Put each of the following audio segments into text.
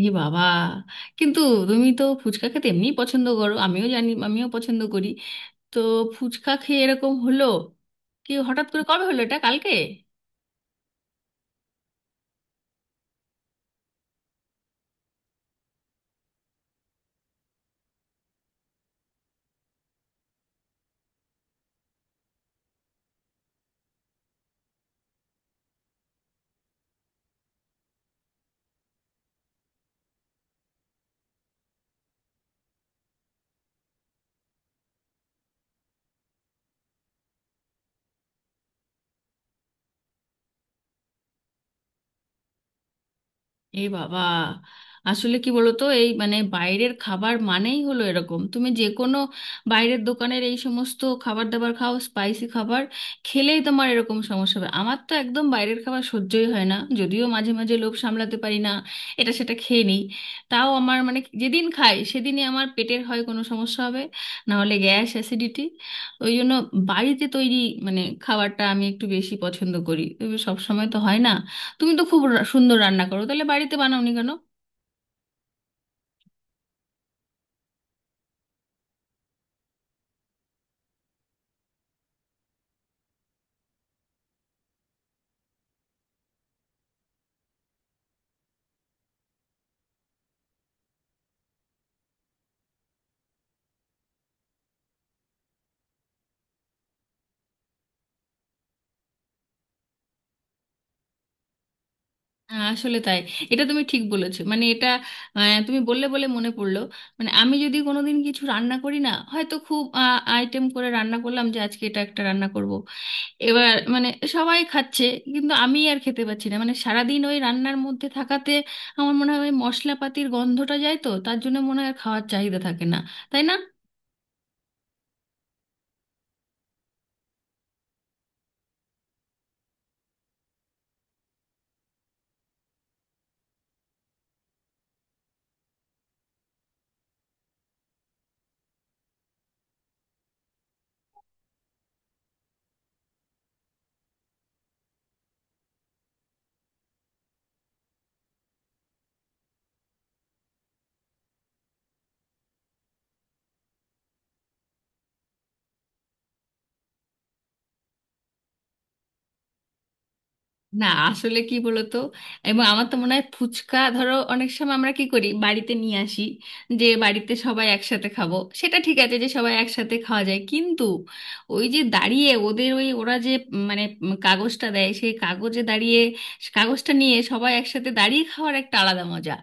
এ বাবা! কিন্তু তুমি তো ফুচকা খেতে এমনি পছন্দ করো, আমিও জানি, আমিও পছন্দ করি। তো ফুচকা খেয়ে এরকম হলো কি? হঠাৎ করে কবে হলো এটা, কালকে? এ বাবা, আসলে কি বলতো, এই মানে বাইরের খাবার মানেই হলো এরকম। তুমি যে কোনো বাইরের দোকানের এই সমস্ত খাবার দাবার খাও, স্পাইসি খাবার খেলেই তোমার এরকম সমস্যা হবে। আমার তো একদম বাইরের খাবার সহ্যই হয় না, যদিও মাঝে মাঝে লোভ সামলাতে পারি না, এটা সেটা খেয়ে নিই। তাও আমার মানে যেদিন খাই সেদিনই আমার পেটের হয় কোনো সমস্যা, হবে না হলে গ্যাস অ্যাসিডিটি। ওই জন্য বাড়িতে তৈরি মানে খাবারটা আমি একটু বেশি পছন্দ করি, সব সময় তো হয় না। তুমি তো খুব সুন্দর রান্না করো, তাহলে বাড়িতে বানাওনি কেন? আসলে তাই, এটা তুমি ঠিক বলেছো, মানে এটা, তুমি বললে বলে মনে পড়লো। মানে আমি যদি কোনোদিন কিছু রান্না করি না, হয়তো খুব আইটেম করে রান্না করলাম, যে আজকে এটা একটা রান্না করব, এবার মানে সবাই খাচ্ছে কিন্তু আমি আর খেতে পাচ্ছি না। মানে সারাদিন ওই রান্নার মধ্যে থাকাতে আমার মনে হয় ওই মশলাপাতির গন্ধটা যায়, তো তার জন্য মনে হয় আর খাওয়ার চাহিদা থাকে না, তাই না? না, আসলে কি বলতো, এবং আমার তো মনে হয় ফুচকা, ধরো অনেক সময় আমরা কি করি, বাড়িতে নিয়ে আসি যে বাড়িতে সবাই একসাথে খাবো, সেটা ঠিক আছে যে সবাই একসাথে খাওয়া যায়, কিন্তু ওই যে দাঁড়িয়ে ওদের ওই, ওরা যে মানে কাগজটা দেয়, সেই কাগজে দাঁড়িয়ে কাগজটা নিয়ে সবাই একসাথে দাঁড়িয়ে খাওয়ার একটা আলাদা মজা।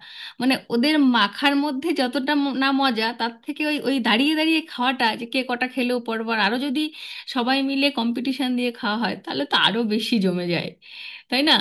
মানে ওদের মাখার মধ্যে যতটা না মজা, তার থেকে ওই ওই দাঁড়িয়ে দাঁড়িয়ে খাওয়াটা, যে কে কটা খেলেও পরবার আরো, যদি সবাই মিলে কম্পিটিশন দিয়ে খাওয়া হয় তাহলে তো আরো বেশি জমে যায়, তাই না?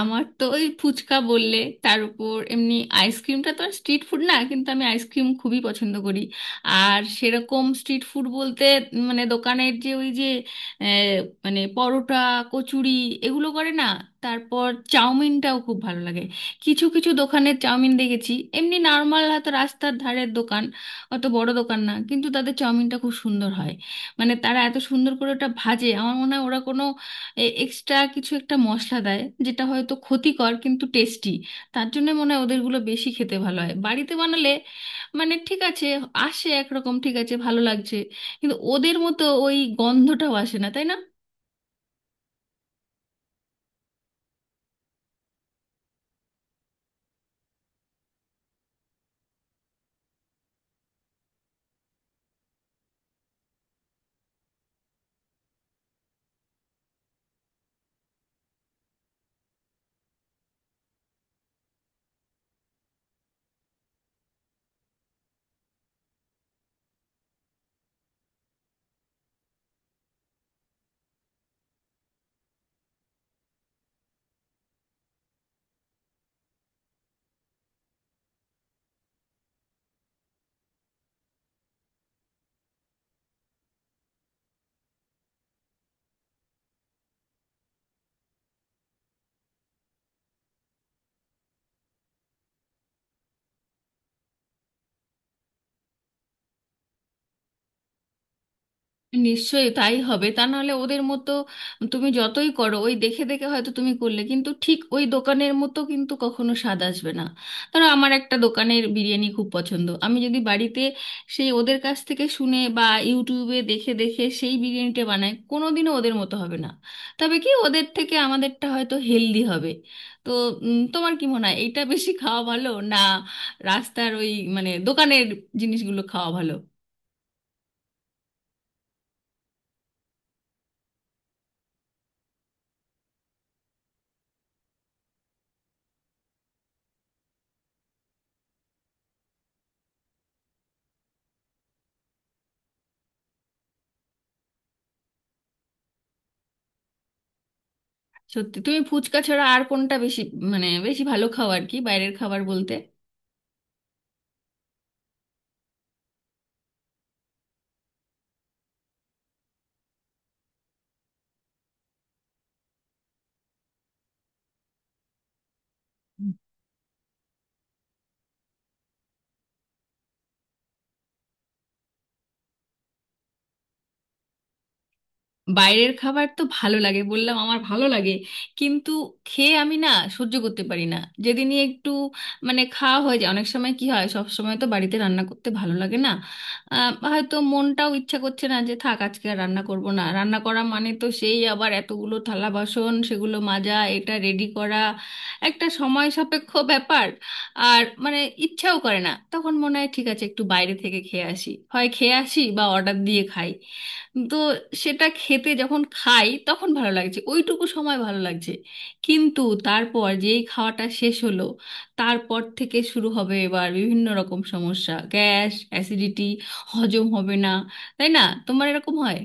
আমার তো ওই, ফুচকা বললে তার উপর এমনি। আইসক্রিমটা তো আর স্ট্রিট ফুড না, কিন্তু আমি আইসক্রিম খুবই পছন্দ করি। আর সেরকম স্ট্রিট ফুড বলতে মানে দোকানের যে ওই যে আহ, মানে পরোটা, কচুরি, এগুলো করে না? তারপর চাউমিনটাও খুব ভালো লাগে। কিছু কিছু দোকানের চাউমিন দেখেছি, এমনি নর্মাল হয়তো রাস্তার ধারের দোকান, অত বড় দোকান না, কিন্তু তাদের চাউমিনটা খুব সুন্দর হয়। মানে তারা এত সুন্দর করে ওটা ভাজে, আমার মনে হয় ওরা কোনো এক্সট্রা কিছু একটা মশলা দেয়, যেটা হয়তো ক্ষতিকর কিন্তু টেস্টি। তার জন্য মনে হয় ওদেরগুলো বেশি খেতে ভালো হয়। বাড়িতে বানালে মানে ঠিক আছে, আসে একরকম ঠিক আছে, ভালো লাগছে, কিন্তু ওদের মতো ওই গন্ধটাও আসে না, তাই না? নিশ্চয়ই তাই হবে, তা নাহলে ওদের মতো তুমি যতই করো ওই দেখে দেখে, হয়তো তুমি করলে কিন্তু ঠিক ওই দোকানের মতো কিন্তু কখনো স্বাদ আসবে না। ধরো আমার একটা দোকানের বিরিয়ানি খুব পছন্দ, আমি যদি বাড়িতে সেই ওদের কাছ থেকে শুনে বা ইউটিউবে দেখে দেখে সেই বিরিয়ানিটা বানাই, কোনোদিনও ওদের মতো হবে না। তবে কি ওদের থেকে আমাদেরটা হয়তো হেলদি হবে? তো তোমার কি মনে হয়, এটা বেশি খাওয়া ভালো, না রাস্তার ওই মানে দোকানের জিনিসগুলো খাওয়া ভালো? সত্যি, তুমি ফুচকা ছাড়া আর কোনটা বেশি, মানে বেশি ভালো খাও আর কি, বাইরের খাবার বলতে? বাইরের খাবার তো ভালো লাগে, বললাম আমার ভালো লাগে, কিন্তু খেয়ে আমি না সহ্য করতে পারি না। যেদিনই একটু মানে খাওয়া হয়ে যায়, অনেক সময় কি হয়, সব সময় তো বাড়িতে রান্না করতে ভালো লাগে না, হয়তো মনটাও ইচ্ছা করছে না, যে থাক আজকে আর রান্না করব না। রান্না করা মানে তো সেই আবার এতগুলো থালা বাসন, সেগুলো মাজা, এটা রেডি করা, একটা সময় সাপেক্ষ ব্যাপার। আর মানে ইচ্ছাও করে না, তখন মনে হয় ঠিক আছে একটু বাইরে থেকে খেয়ে আসি, হয় খেয়ে আসি বা অর্ডার দিয়ে খাই। তো সেটা খেতে যখন খাই তখন ভালো লাগছে, ওইটুকু সময় ভালো লাগছে, কিন্তু তারপর যেই খাওয়াটা শেষ হলো, তারপর থেকে শুরু হবে এবার বিভিন্ন রকম সমস্যা, গ্যাস অ্যাসিডিটি, হজম হবে না, তাই না? তোমার এরকম হয়?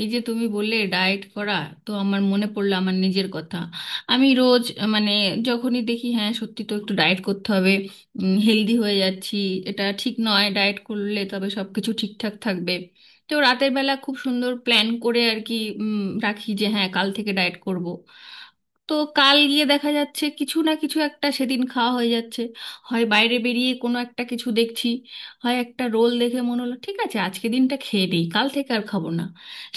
এই যে তুমি বললে ডায়েট করা, তো আমার মনে পড়লো আমার নিজের কথা। আমি রোজ মানে যখনই দেখি, হ্যাঁ সত্যি তো একটু ডায়েট করতে হবে, হেলদি হয়ে যাচ্ছি, এটা ঠিক নয়, ডায়েট করলে তবে সব কিছু ঠিকঠাক থাকবে। তো রাতের বেলা খুব সুন্দর প্ল্যান করে আর কি রাখি যে হ্যাঁ কাল থেকে ডায়েট করব। তো কাল গিয়ে দেখা যাচ্ছে কিছু না কিছু একটা সেদিন খাওয়া হয়ে যাচ্ছে। হয় বাইরে বেরিয়ে কোনো একটা কিছু দেখছি, হয় একটা রোল দেখে মনে হলো ঠিক আছে আজকে দিনটা খেয়ে নিই, কাল থেকে আর খাবো না।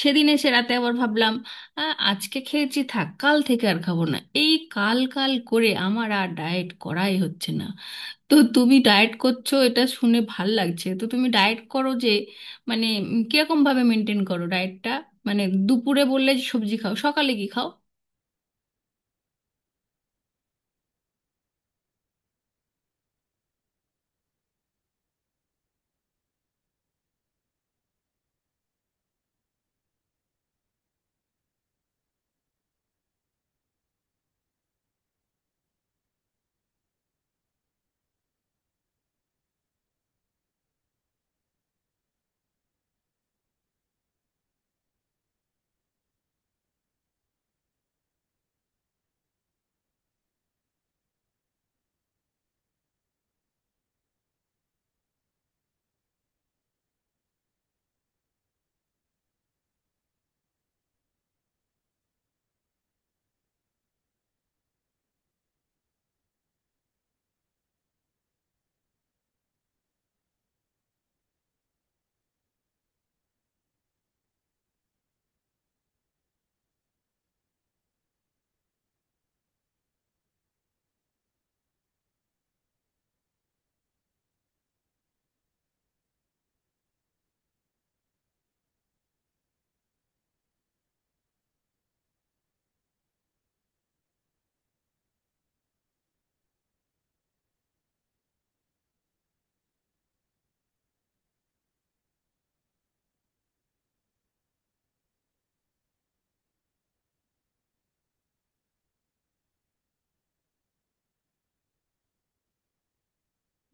সেদিন এসে রাতে আবার ভাবলাম, "আ, আজকে খেয়েছি, থাক কাল থেকে আর খাবো না।" এই কাল কাল করে আমার আর ডায়েট করাই হচ্ছে না। তো তুমি ডায়েট করছো এটা শুনে ভাল লাগছে। তো তুমি ডায়েট করো যে মানে কিরকম ভাবে মেনটেন করো ডায়েটটা, মানে দুপুরে বললে যে সবজি খাও, সকালে কি খাও?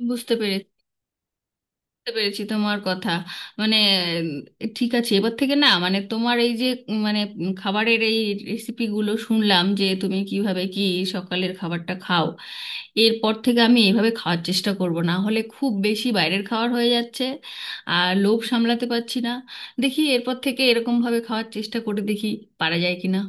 বুঝতে পেরেছি। বুঝতে পেরেছি তোমার কথা। মানে ঠিক আছে, এবার থেকে না মানে তোমার এই যে মানে খাবারের এই রেসিপিগুলো শুনলাম, যে তুমি কিভাবে কি সকালের খাবারটা খাও, এরপর থেকে আমি এইভাবে খাওয়ার চেষ্টা করব। না হলে খুব বেশি বাইরের খাবার হয়ে যাচ্ছে, আর লোভ সামলাতে পারছি না। দেখি এরপর থেকে এরকমভাবে খাওয়ার চেষ্টা করে দেখি পারা যায় কিনা।